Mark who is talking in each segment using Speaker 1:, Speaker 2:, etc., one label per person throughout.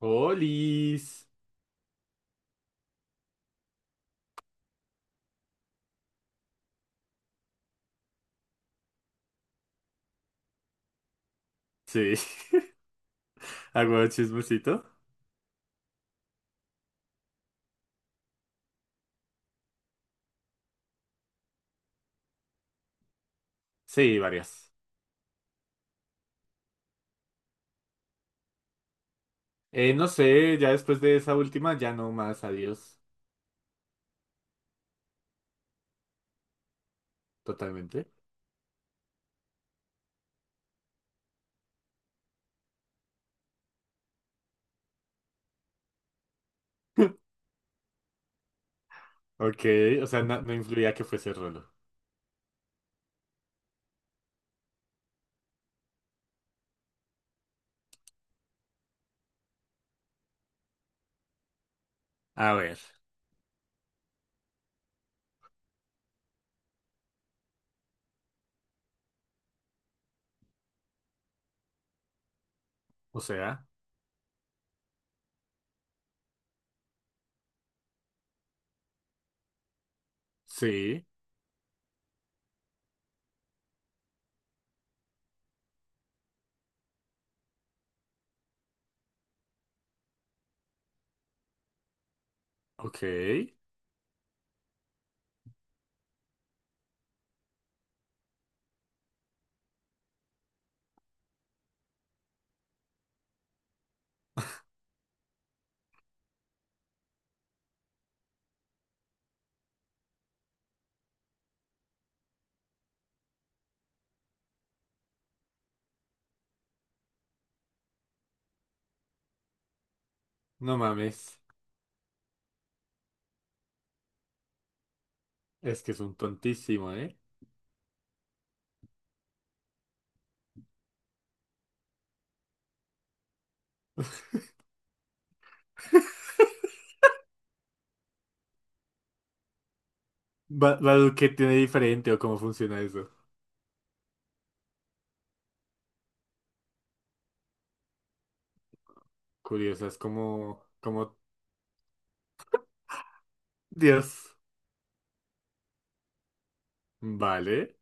Speaker 1: Olis. Sí, hago chismecito. Sí, varias. No sé, ya después de esa última, ya no más, adiós. Totalmente. Ok, o sea, no influía que fuese Rolo. A ver, o sea, sí, ok. No mames, es que es un tontísimo, ¿eh? Badu, ¿qué tiene diferente o cómo funciona eso? Curioso, es como, Dios. Vale,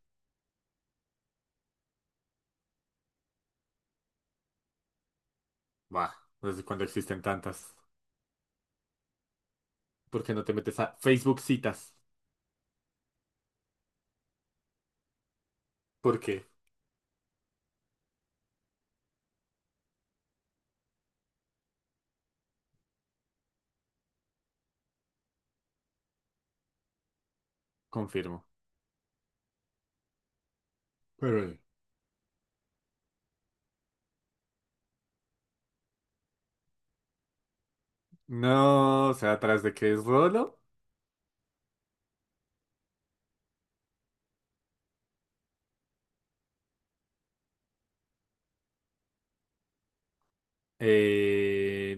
Speaker 1: va, desde cuándo existen tantas. ¿Por qué no te metes a Facebook citas? ¿Por qué? Confirmo. Pero bueno. No, o sea, atrás de que es Rolo. eh,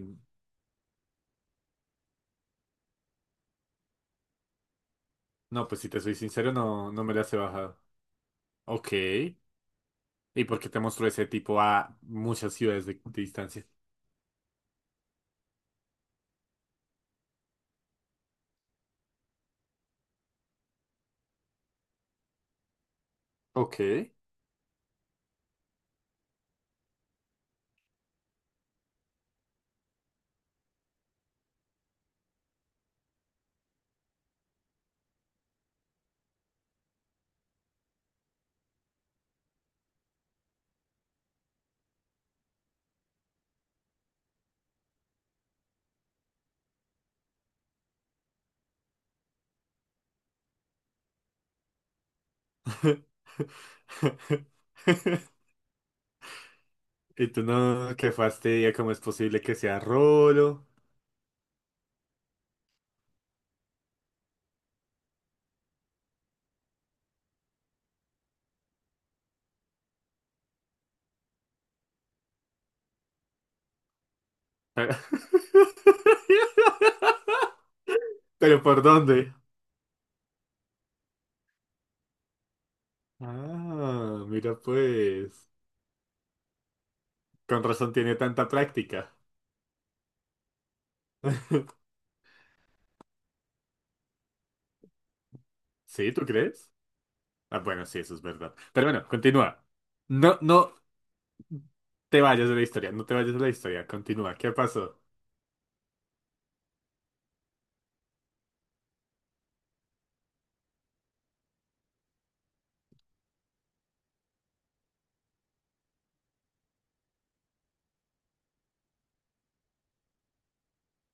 Speaker 1: no, pues si te soy sincero, no me las he bajado. Ok. ¿Y por qué te mostró ese tipo a muchas ciudades de distancia? Ok. Y tú no, qué fastidia, ¿cómo es posible que sea Rolo? ¿Pero ¿pero por dónde? Ah, mira pues. Con razón tiene tanta práctica. ¿Sí? ¿Tú crees? Ah, bueno, sí, eso es verdad. Pero bueno, continúa. No, no te vayas de la historia, no te vayas de la historia. Continúa. ¿Qué pasó?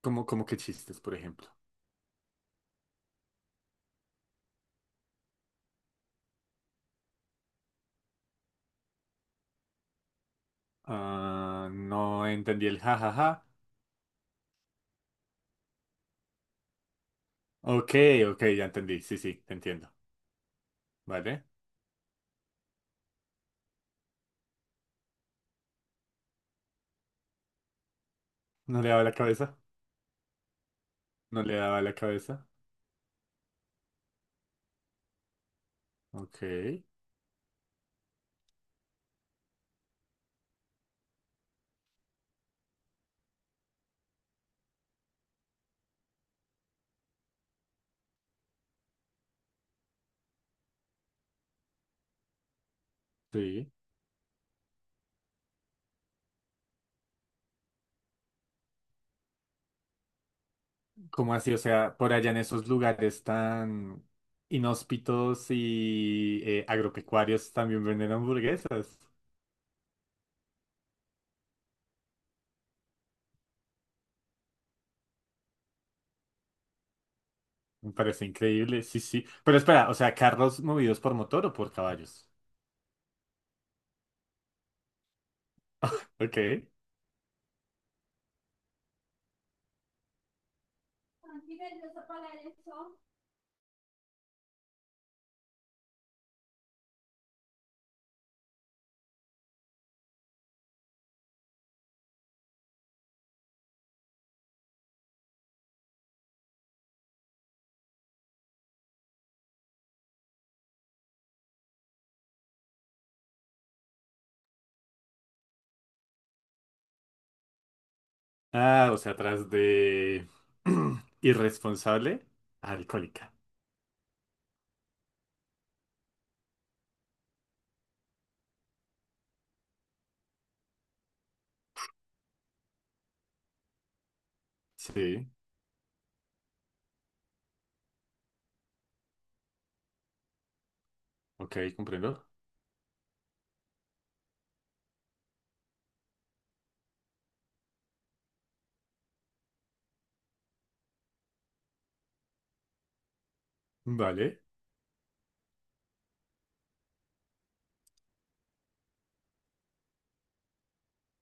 Speaker 1: ¿Cómo, cómo que chistes, por ejemplo? Ah, no entendí el jajaja. Ok, ok, ya entendí. Sí, sí, te entiendo. ¿Vale? ¿No le daba la cabeza? ¿No le daba la cabeza? Ok, sí. ¿Cómo así? O sea, por allá en esos lugares tan inhóspitos y agropecuarios también venden hamburguesas. Me parece increíble, sí, sí. Pero espera, o sea, ¿carros movidos por motor o por caballos? Ok. Ah, o sea, tras de irresponsable, alcohólica. Sí, ok, comprendo. Vale.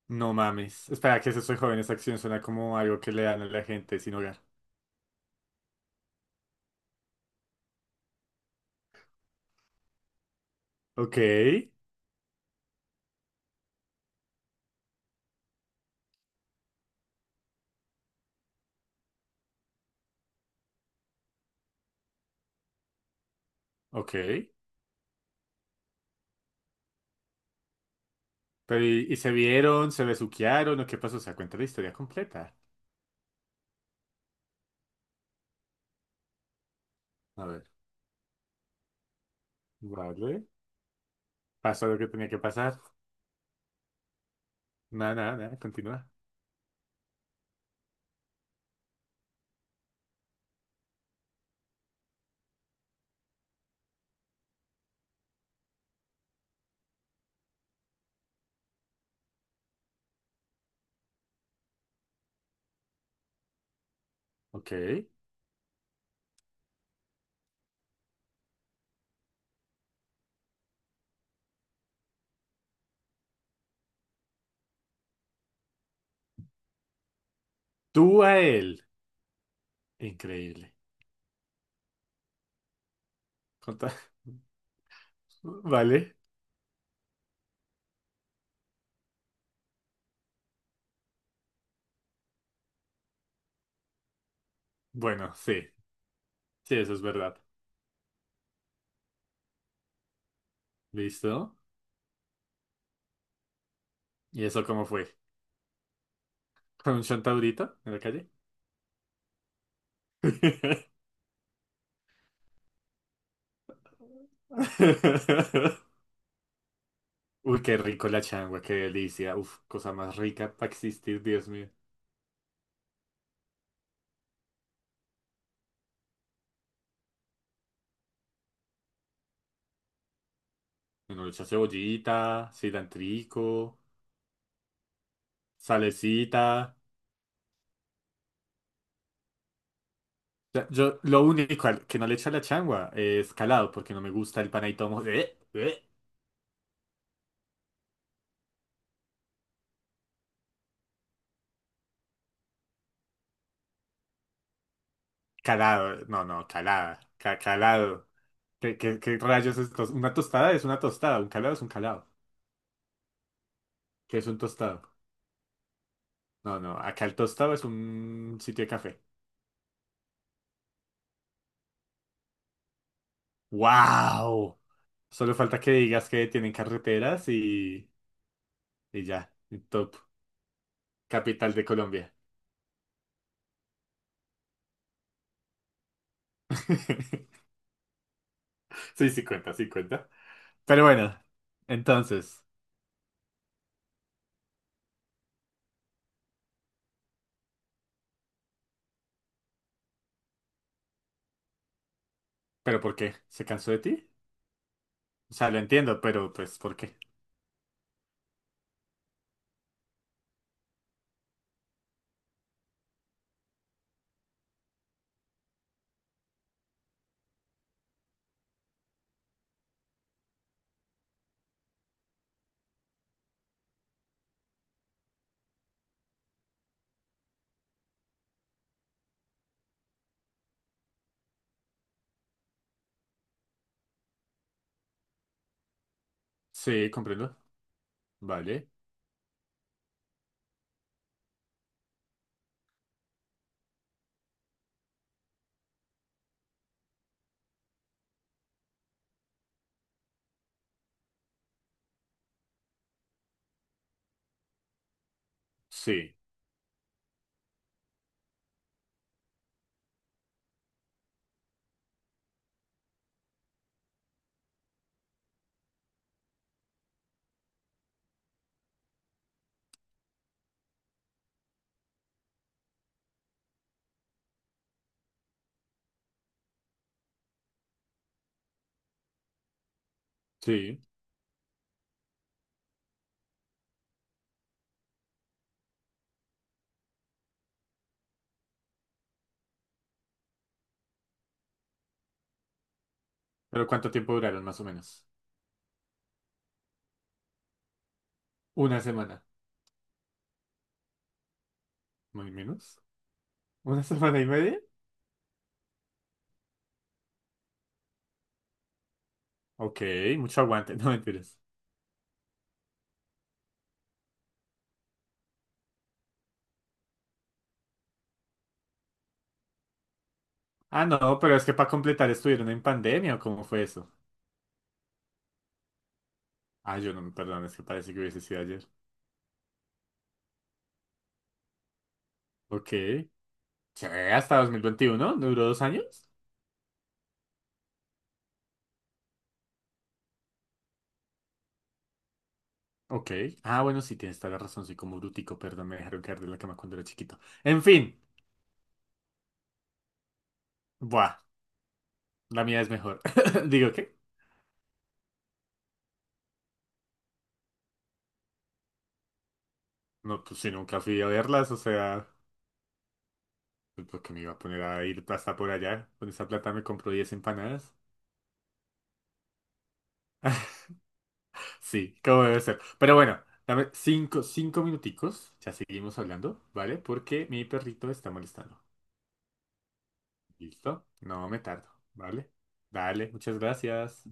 Speaker 1: No mames. Espera, ¿que es eso de joven? Esa acción suena como algo que le dan a la gente sin hogar. Ok, ok. Pero, y se vieron, se besuquearon o qué pasó? O sea, cuenta la historia completa. A ver, vale. Pasó lo que tenía que pasar. Nada, nada, nada, continúa. Ok. Tú a él. Increíble. Conta- Vale. Bueno, sí. Sí, eso es verdad. ¿Listo? ¿Y eso cómo fue? ¿Con un chantaurito en la calle? Uy, qué rico la changua, qué delicia. Uf, cosa más rica para existir, Dios mío. Uno le echa cebollita, cilantrico, salecita. O sea, yo lo único que no le echo a la changua es calado, porque no me gusta el panadito. Calado, no, no, calada, calado. ¿Qué rayos? Una tostada es una tostada, un calado es un calado. ¿Qué es un tostado? No, no, acá el tostado es un sitio de café. ¡Wow! Solo falta que digas que tienen carreteras y ya, top, capital de Colombia. Sí, sí cuenta, sí cuenta. Pero bueno, entonces, ¿pero por qué? ¿Se cansó de ti? O sea, lo entiendo, pero pues, ¿por qué? Sí, comprendo. Vale. Sí, sí. ¿Pero cuánto tiempo duraron más o menos? Una semana. Muy menos. ¿Una semana y media? Ok, mucho aguante, no mentiras. Ah, no, pero es que para completar estuvieron en pandemia, ¿o cómo fue eso? Ah, yo no me perdón, es que parece que hubiese sido ayer. Ok. Che, hasta 2021, ¿no duró 2 años? Ok. Ah, bueno, sí, tienes toda la razón, soy como brutico, perdón, me dejaron caer de la cama cuando era chiquito. En fin, buah, la mía es mejor. Digo, ¿qué? No, pues si nunca fui a verlas, o sea, pues, ¿por qué me iba a poner a ir hasta por allá? Con esa plata me compro 10 empanadas. Sí, como debe ser. Pero bueno, dame cinco minuticos. Ya seguimos hablando, ¿vale? Porque mi perrito está molestando. ¿Listo? No me tardo, ¿vale? Dale, muchas gracias.